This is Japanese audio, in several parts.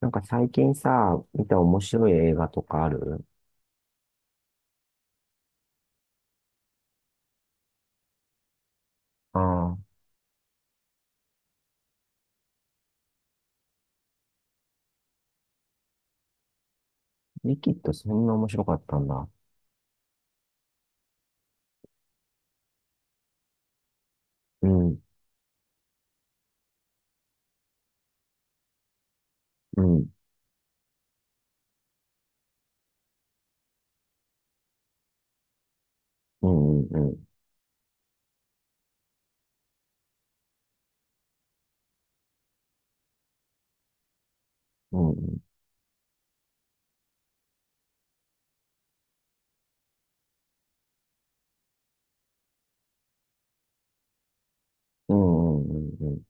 なんか最近さ、見た面白い映画とかある？ああ、リキッドそんな面白かったんだ。うん、うん、うん、うん、うん、うん、うん、うん、うん。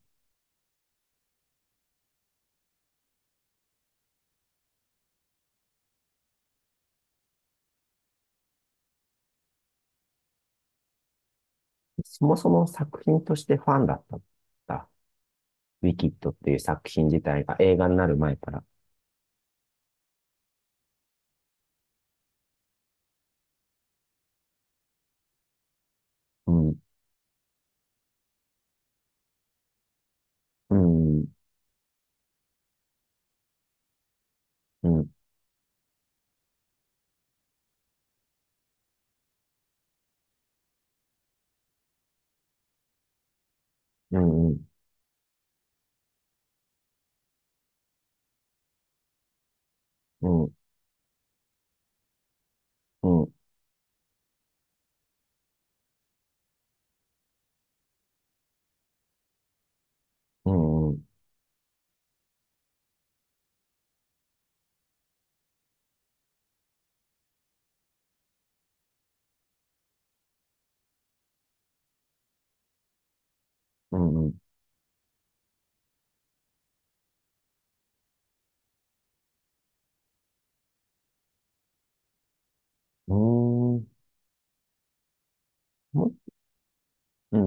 そもそも作品としてファンだったんだ。ウィキッドっていう作品自体が映画になる前から。うん、うん、うん、うん、うん、うん、うん、うん、うん、うん、うん、うん、う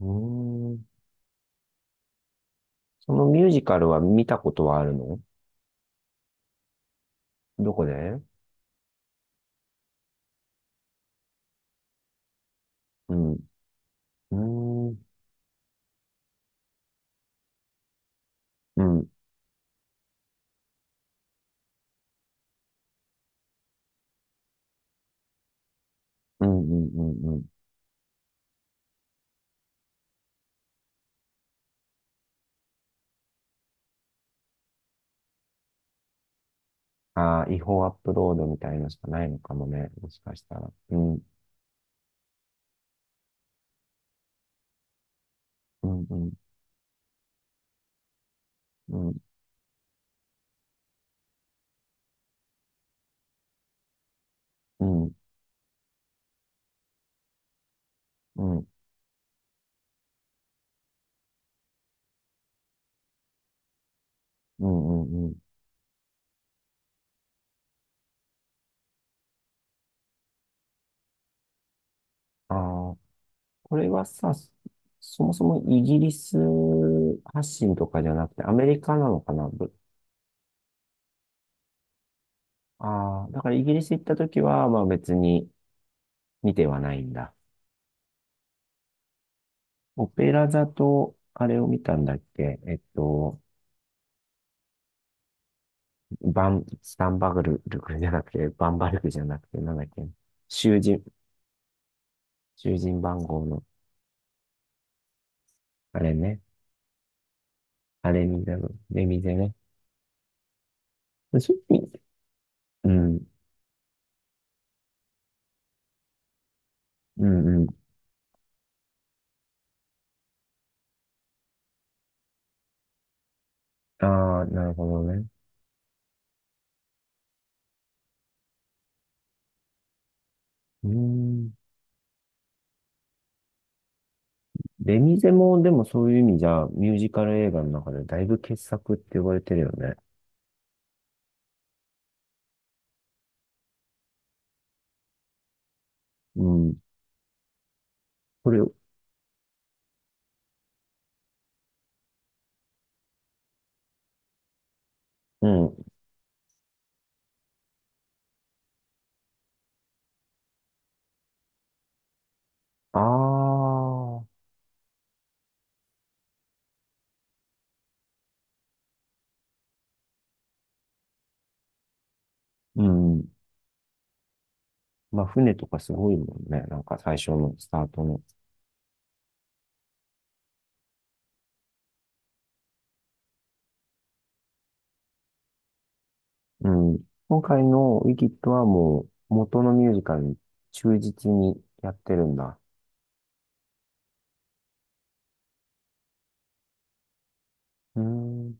ん、うん。そのミュージカルは見たことはあるの？どこで？うん。うーん。うん、うん、うん、うん、うん。ああ、違法アップロードみたいのしかないのかもね。もしかしたら。うん、うん、うん、うん、うん、うん、うん、うん。ああ、これはさ、そそもそもイギリス発信とかじゃなくてアメリカなのかな？ああー、だからイギリス行った時は、まあ別に見てはないんだ。オペラ座と、あれを見たんだっけ。バン、スタンバグル、ルクじゃなくて、バンバルクじゃなくて、なんだっけ？囚人、囚人番号の、あれね。あれみたいな、レミゼね。そういう意味。うん、うん、うん。ああ、なるほどね。うーん。レミゼも、でもそういう意味じゃ、ミュージカル映画の中でだいぶ傑作って言われてるよね。うん。これ、うん。ああ、うん。まあ、船とかすごいもんね。なんか最初のスタートの。うん。今回のウィキッドはもう、元のミュージカルに忠実にやってるんだ。うーん。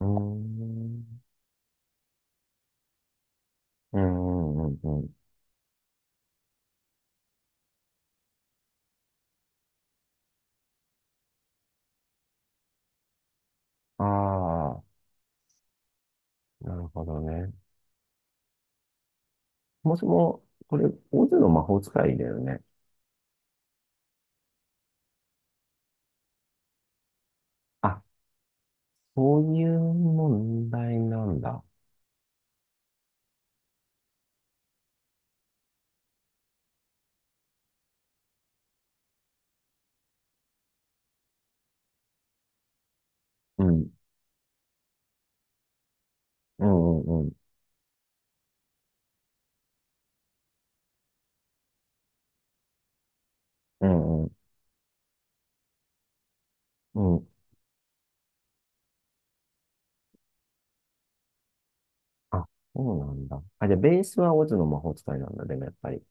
うーん。うんうんうんうん。ああ、なるほどね。もしも、これ、オズの魔法使いだよね。あ、そういう問題なんだ。うん。うんうんうん。うんうん。うん。あ、そうなんだ。あ、じゃあ、ベースはオズの魔法使いなんだ、でもやっぱり。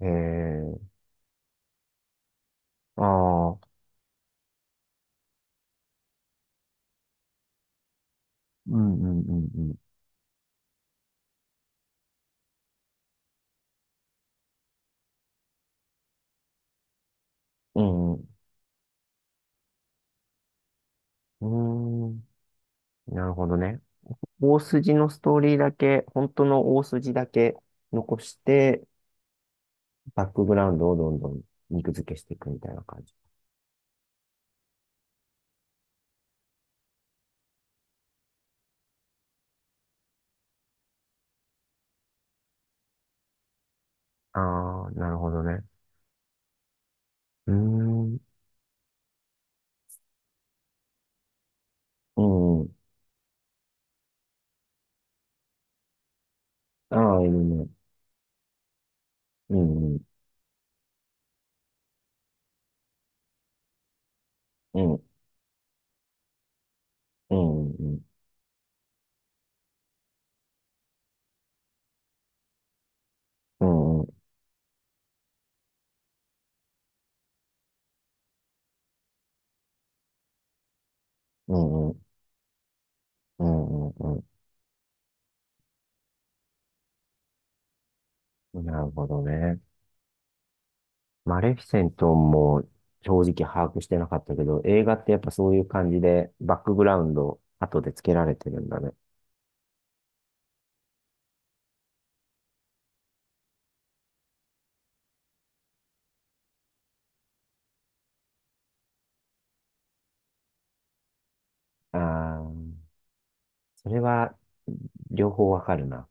へえ。ああ、うんうんうんうん。うん、うん。うーん。なるほどね。大筋のストーリーだけ、本当の大筋だけ残して、バックグラウンドをどんどん肉付けしていくみたいな感じ。ああ、なるほどね。うーん。うんうん。ああ、いるね。うんうん。うん。うんうんうん。うんん。うんうんうんうんうんうんうんうんうんうんうん、なるほどね。マレフィセントも正直把握してなかったけど、映画ってやっぱそういう感じでバックグラウンド後で付けられてるんだね。ああ、それは両方わかるな。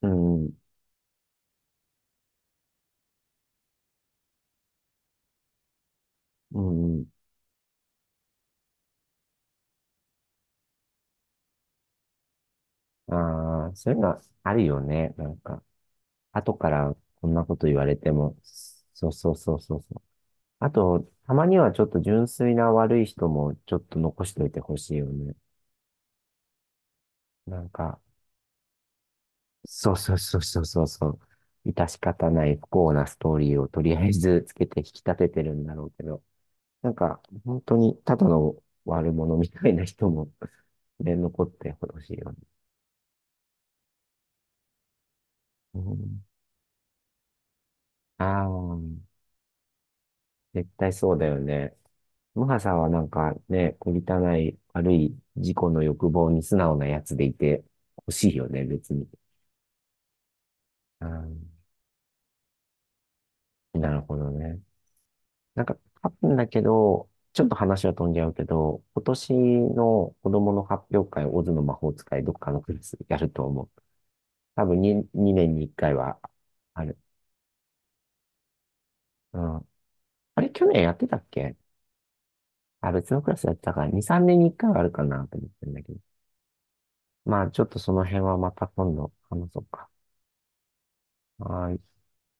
うん。うんうん。ああ、そういうのはあるよね。なんか。後からこんなこと言われても、そうそうそうそうそう。あと、たまにはちょっと純粋な悪い人もちょっと残しておいてほしいよね。なんか、そうそうそうそうそうそう。致し方ない不幸なストーリーをとりあえずつけて引き立ててるんだろうけど、なんか、本当にただの悪者みたいな人も ね、残ってほしいよね。うん、ああ、絶対そうだよね。ムハさんはなんかね、こりたない悪い自己の欲望に素直なやつでいて欲しいよね、別に。うん、なるほどね。なんか、多分だけど、ちょっと話は飛んじゃうけど、今年の子供の発表会、オズの魔法使い、どっかのクラスやると思う。多分に2年に1回はある。うん。あれ、去年やってたっけ？あ、別のクラスやってたから、2、3年に1回はあるかなと思ってるんだけど。まあ、ちょっとその辺はまた今度話そうか。はい。